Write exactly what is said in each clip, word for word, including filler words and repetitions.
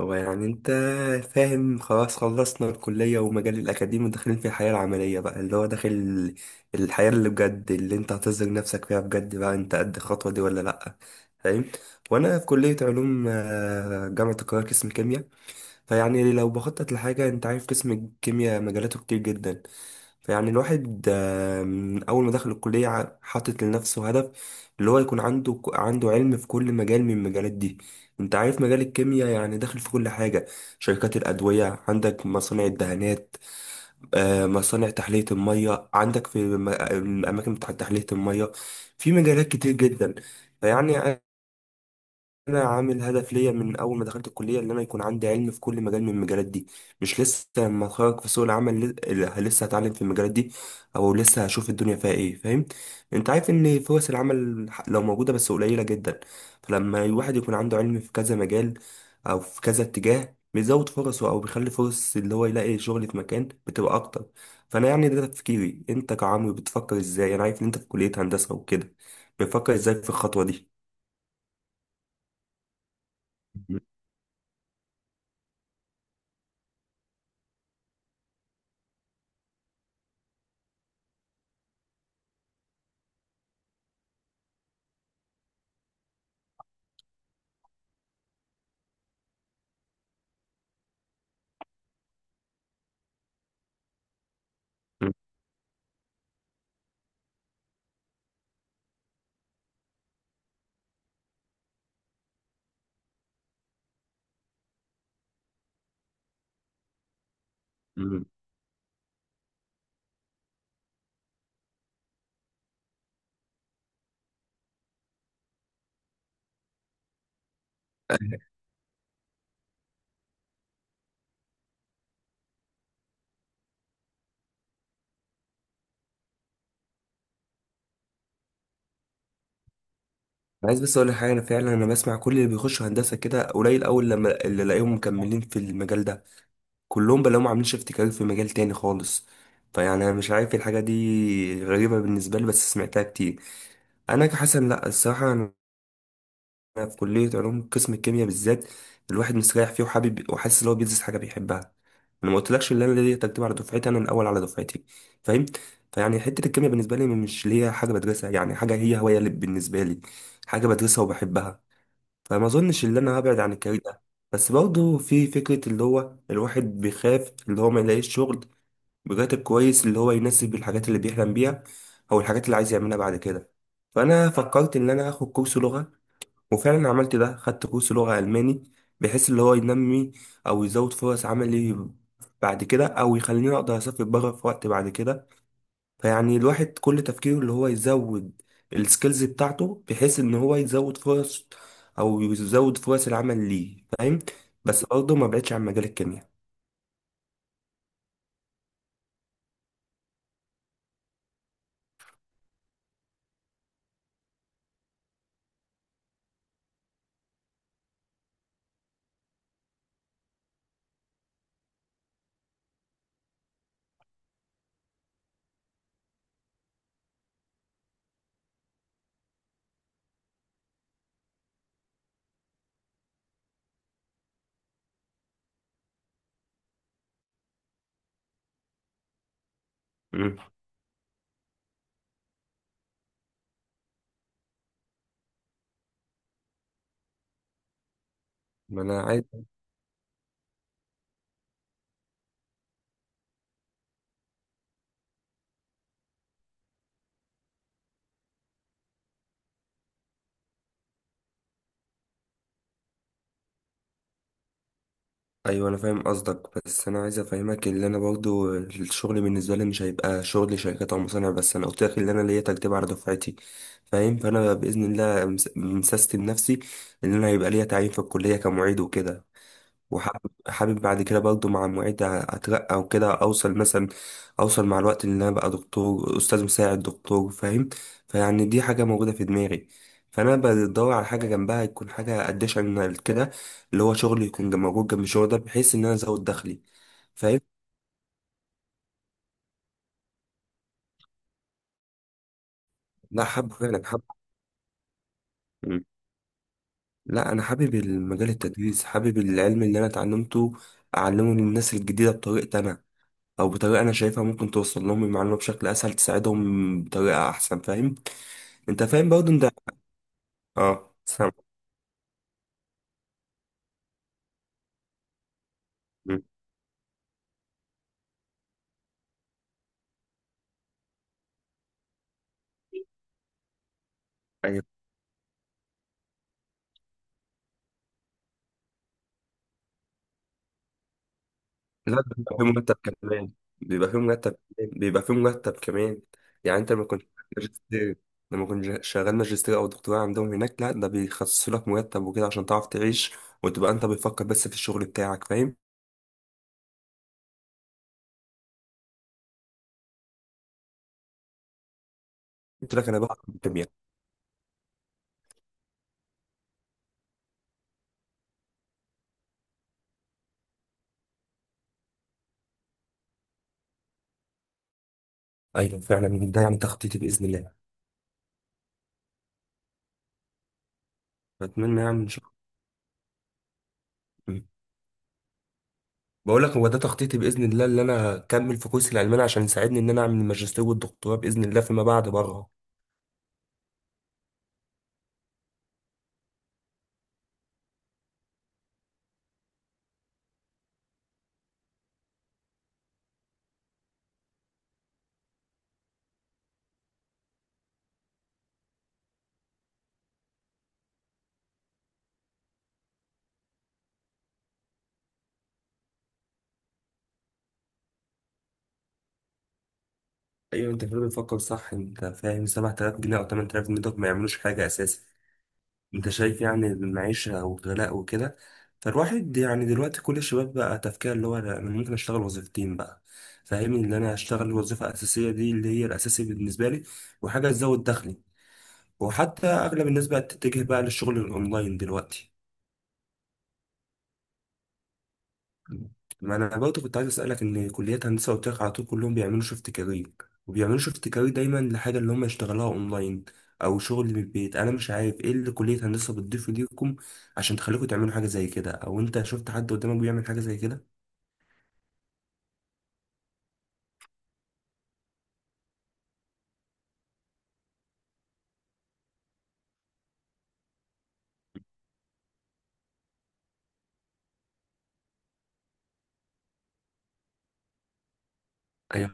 هو يعني انت فاهم خلاص خلصنا الكلية ومجال الأكاديمي وداخلين في الحياة العملية بقى اللي هو داخل الحياة اللي بجد اللي انت هتظهر نفسك فيها بجد بقى انت قد الخطوة دي ولا لأ فاهم. وأنا في كلية علوم آه، جامعة القاهرة قسم كيمياء. فيعني لو بخطط لحاجة انت عارف قسم الكيمياء مجالاته كتير جدا. فيعني الواحد آه، من أول ما دخل الكلية ع- حاطط لنفسه هدف، اللي هو يكون عنده عنده علم في كل مجال من المجالات دي. انت عارف مجال الكيمياء يعني داخل في كل حاجة، شركات الأدوية، عندك مصانع الدهانات، آه، مصانع تحلية المية، عندك في الم- الأماكن بتاعت تحلية المية، في مجالات كتير جدا. فيعني انا عامل هدف ليا من اول ما دخلت الكليه ان انا يكون عندي علم في كل مجال من المجالات دي، مش لسه لما اتخرج في سوق العمل ل- لسه هتعلم في المجالات دي، او لسه هشوف الدنيا فيها ايه. فاهم؟ انت عارف ان فرص العمل ح- لو موجوده بس قليله جدا، فلما الواحد يكون عنده علم في كذا مجال او في كذا اتجاه بيزود فرصه او بيخلي فرص اللي هو يلاقي شغل في مكان بتبقى اكتر. فانا يعني ده تفكيري. انت كعمرو بتفكر ازاي؟ انا عارف ان انت في كليه هندسه وكده، بتفكر ازاي في الخطوه دي؟ عايز بس اقول لك حاجه، انا فعلا انا بسمع كل اللي بيخشوا هندسه كده قليل اول لما اللي الاقيهم مكملين في المجال ده، كلهم بلاقيهم عاملين شيفت كارير في مجال تاني خالص. فيعني انا مش عارف إيه الحاجه دي، غريبه بالنسبه لي بس سمعتها كتير. انا كحسن لا الصراحه، انا أنا في كليه علوم قسم الكيمياء بالذات، الواحد مستريح فيه وحابب وحاسس ان هو بيدرس حاجه بيحبها. انا ما قلتلكش ان انا ليا ترتيب على دفعتي، انا الاول على دفعتي. فاهم؟ فيعني حته الكيمياء بالنسبه لي مش اللي هي حاجه بدرسها، يعني حاجه هي هوايه اللي بالنسبه لي، حاجه بدرسها وبحبها. فما اظنش ان انا هبعد عن الكارير ده. بس برضه في فكرة اللي هو الواحد بيخاف اللي هو ما يلاقيش شغل براتب كويس اللي هو يناسب الحاجات اللي بيحلم بيها او الحاجات اللي عايز يعملها بعد كده. فانا فكرت ان انا اخد كورس لغة، وفعلا عملت ده، خدت كورس لغة الماني، بحيث اللي هو ينمي او يزود فرص عملي بعد كده، او يخليني اقدر اسافر بره في وقت بعد كده. فيعني الواحد كل تفكيره اللي هو يزود السكيلز بتاعته بحيث ان هو يزود فرص او يزود فرص العمل ليه. فاهم؟ بس برضه ما بعدش عن مجال الكيمياء. مم. ما انا عايز. ايوه انا فاهم قصدك، بس انا عايز افهمك ان انا برضو الشغل بالنسبه لي مش هيبقى شغل شركات او مصانع بس، انا قلت لك ان انا ليا تجربه على دفعتي. فاهم؟ فانا باذن الله مس- مسستم نفسي ان انا هيبقى ليا تعيين في الكليه كمعيد وكده. وحابب حابب بعد كده برضه مع المعيد اترقى وكده اوصل مثلا، اوصل مع الوقت ان انا بقى دكتور استاذ مساعد دكتور. فاهم؟ فيعني دي حاجه موجوده في دماغي، فانا بدور على حاجه جنبها يكون حاجه اديشنال كده، اللي هو شغل يكون جم- موجود جنب الشغل ده بحيث ان انا ازود دخلي. فاهم؟ لا حابب فعلا حابب. مم. لا انا حابب المجال التدريس، حابب العلم اللي انا اتعلمته اعلمه للناس الجديده بطريقتي انا، او بطريقه انا شايفها ممكن توصل لهم المعلومه بشكل اسهل، تساعدهم بطريقه احسن. فاهم؟ انت فاهم برضه انت. اه سامع. مم. ايوه. لا بيبقى في مرتب كمان، بيبقى في مرتب كمان، بيبقى في مرتب كمان. يعني انت لما كنت ماجستير، لما كنت شغال ماجستير او دكتوراه عندهم هناك، لا ده بيخصصوا لك مرتب وكده عشان تعرف تعيش وتبقى انت بتفكر بس في الشغل بتاعك. فاهم؟ قلت لك انا بقى في الكيمياء. ايوه فعلا ده يعني تخطيطي باذن الله. اتمنى يعني ان شاء الله. بقول لك هو ده تخطيطي باذن الله، اللي انا اكمل في كورس الالماني عشان يساعدني ان انا اعمل الماجستير والدكتوراه باذن الله فيما بعد بره. ايوه انت فعلا بتفكر صح. انت فاهم سبع تلاف جنيه او تمنية آلاف جنيه دول ما يعملوش حاجه اساسا، انت شايف يعني المعيشه والغلاء وكده. فالواحد يعني دلوقتي كل الشباب بقى تفكير اللي هو انا ممكن اشتغل وظيفتين بقى، فاهمني؟ ان انا اشتغل الوظيفه الاساسيه دي اللي هي الاساسي بالنسبه لي، وحاجه تزود دخلي. وحتى اغلب الناس بقت تتجه بقى للشغل الاونلاين دلوقتي. ما انا برضه كنت عايز اسالك ان كليات هندسه قلت لك على طول كلهم بيعملوا شيفت كارير، وبيعملوا شيفت كارير دايما لحاجه اللي هم يشتغلوها اونلاين او شغل من البيت. انا مش عارف ايه اللي كليه هندسه بتضيفه ليكم عشان تخليكم تعملوا حاجه زي كده، او انت شفت حد قدامك بيعمل حاجه زي كده؟ ايوه.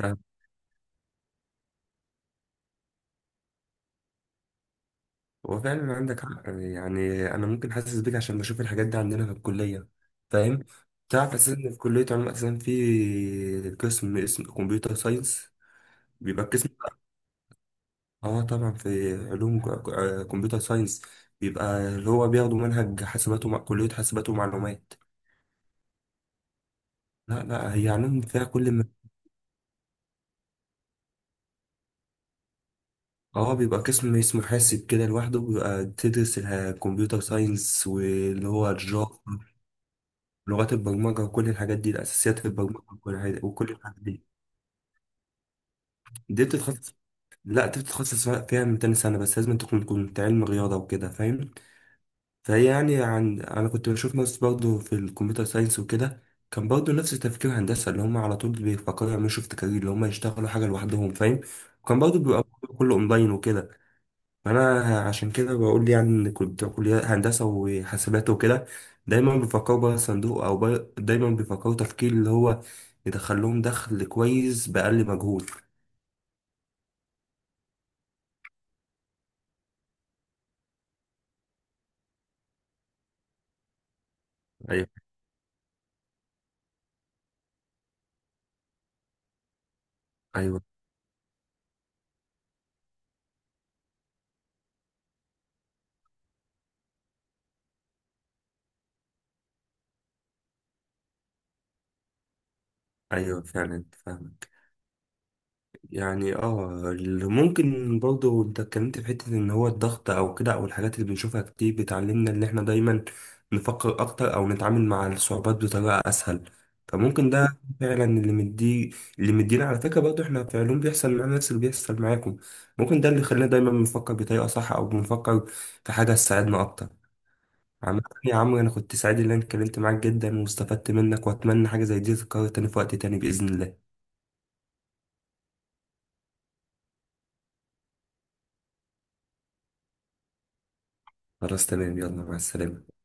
آه، هو فعلا عندك حق، يعني انا ممكن حاسس بيك عشان بشوف الحاجات دي عندنا في الكليه. فاهم؟ تعرف اساسا إن في كليه علوم اساسا في قسم اسمه كمبيوتر ساينس، بيبقى القسم. اه طبعا في علوم كمبيوتر ساينس، بيبقى اللي هو بياخدوا منهج حاسبات ومع كلية حاسبات ومعلومات. لا لا، هي علوم فيها كل ما. اه بيبقى قسم اسمه حاسب كده لوحده، بيبقى تدرس الكمبيوتر ساينس واللي هو الجافا، لغات البرمجة وكل الحاجات دي الأساسيات في البرمجة وكل الحاجات وكل الحاجات دي. دي بتتخصص لا دي بتتخصص فيها من تاني سنة، بس لازم تكون كنت علم رياضة وكده. فاهم؟ فهي يعني، عن انا كنت بشوف ناس برضو في الكمبيوتر ساينس وكده، كان برضو نفس تفكير هندسه اللي هم على طول بيفكروا يعملوا شيفت كارير اللي هم يشتغلوا حاجه لوحدهم. فاهم؟ وكان برضو بيبقى كله اونلاين وكده. فانا عشان كده بقول يعني ان كنت كليه هندسه وحاسبات وكده دايما بيفكروا بره الصندوق او بره، دايما بيفكروا تفكير اللي هو يدخل لهم دخل كويس باقل مجهود. ايوه. ايوه. ايوه فعلا فاهم. يعني اه اللي ممكن برضه انت اتكلمت في حتة ان هو الضغط او كده، او الحاجات اللي بنشوفها كتير بتعلمنا ان احنا دايما نفكر اكتر او نتعامل مع الصعوبات بطريقة اسهل. فممكن ده فعلا اللي مدي اللي مدينا. على فكرة برضه احنا في علوم بيحصل معانا نفس اللي بيحصل معاكم. ممكن ده اللي خلانا دايما بنفكر بطريقة صح، او بنفكر في حاجة تساعدنا اكتر. عامة يا عمرو انا كنت سعيد ان انا اتكلمت معاك جدا واستفدت منك، واتمنى حاجة زي دي تتكرر تاني في وقت تاني بإذن الله. خلاص تمام، يلا مع السلامة.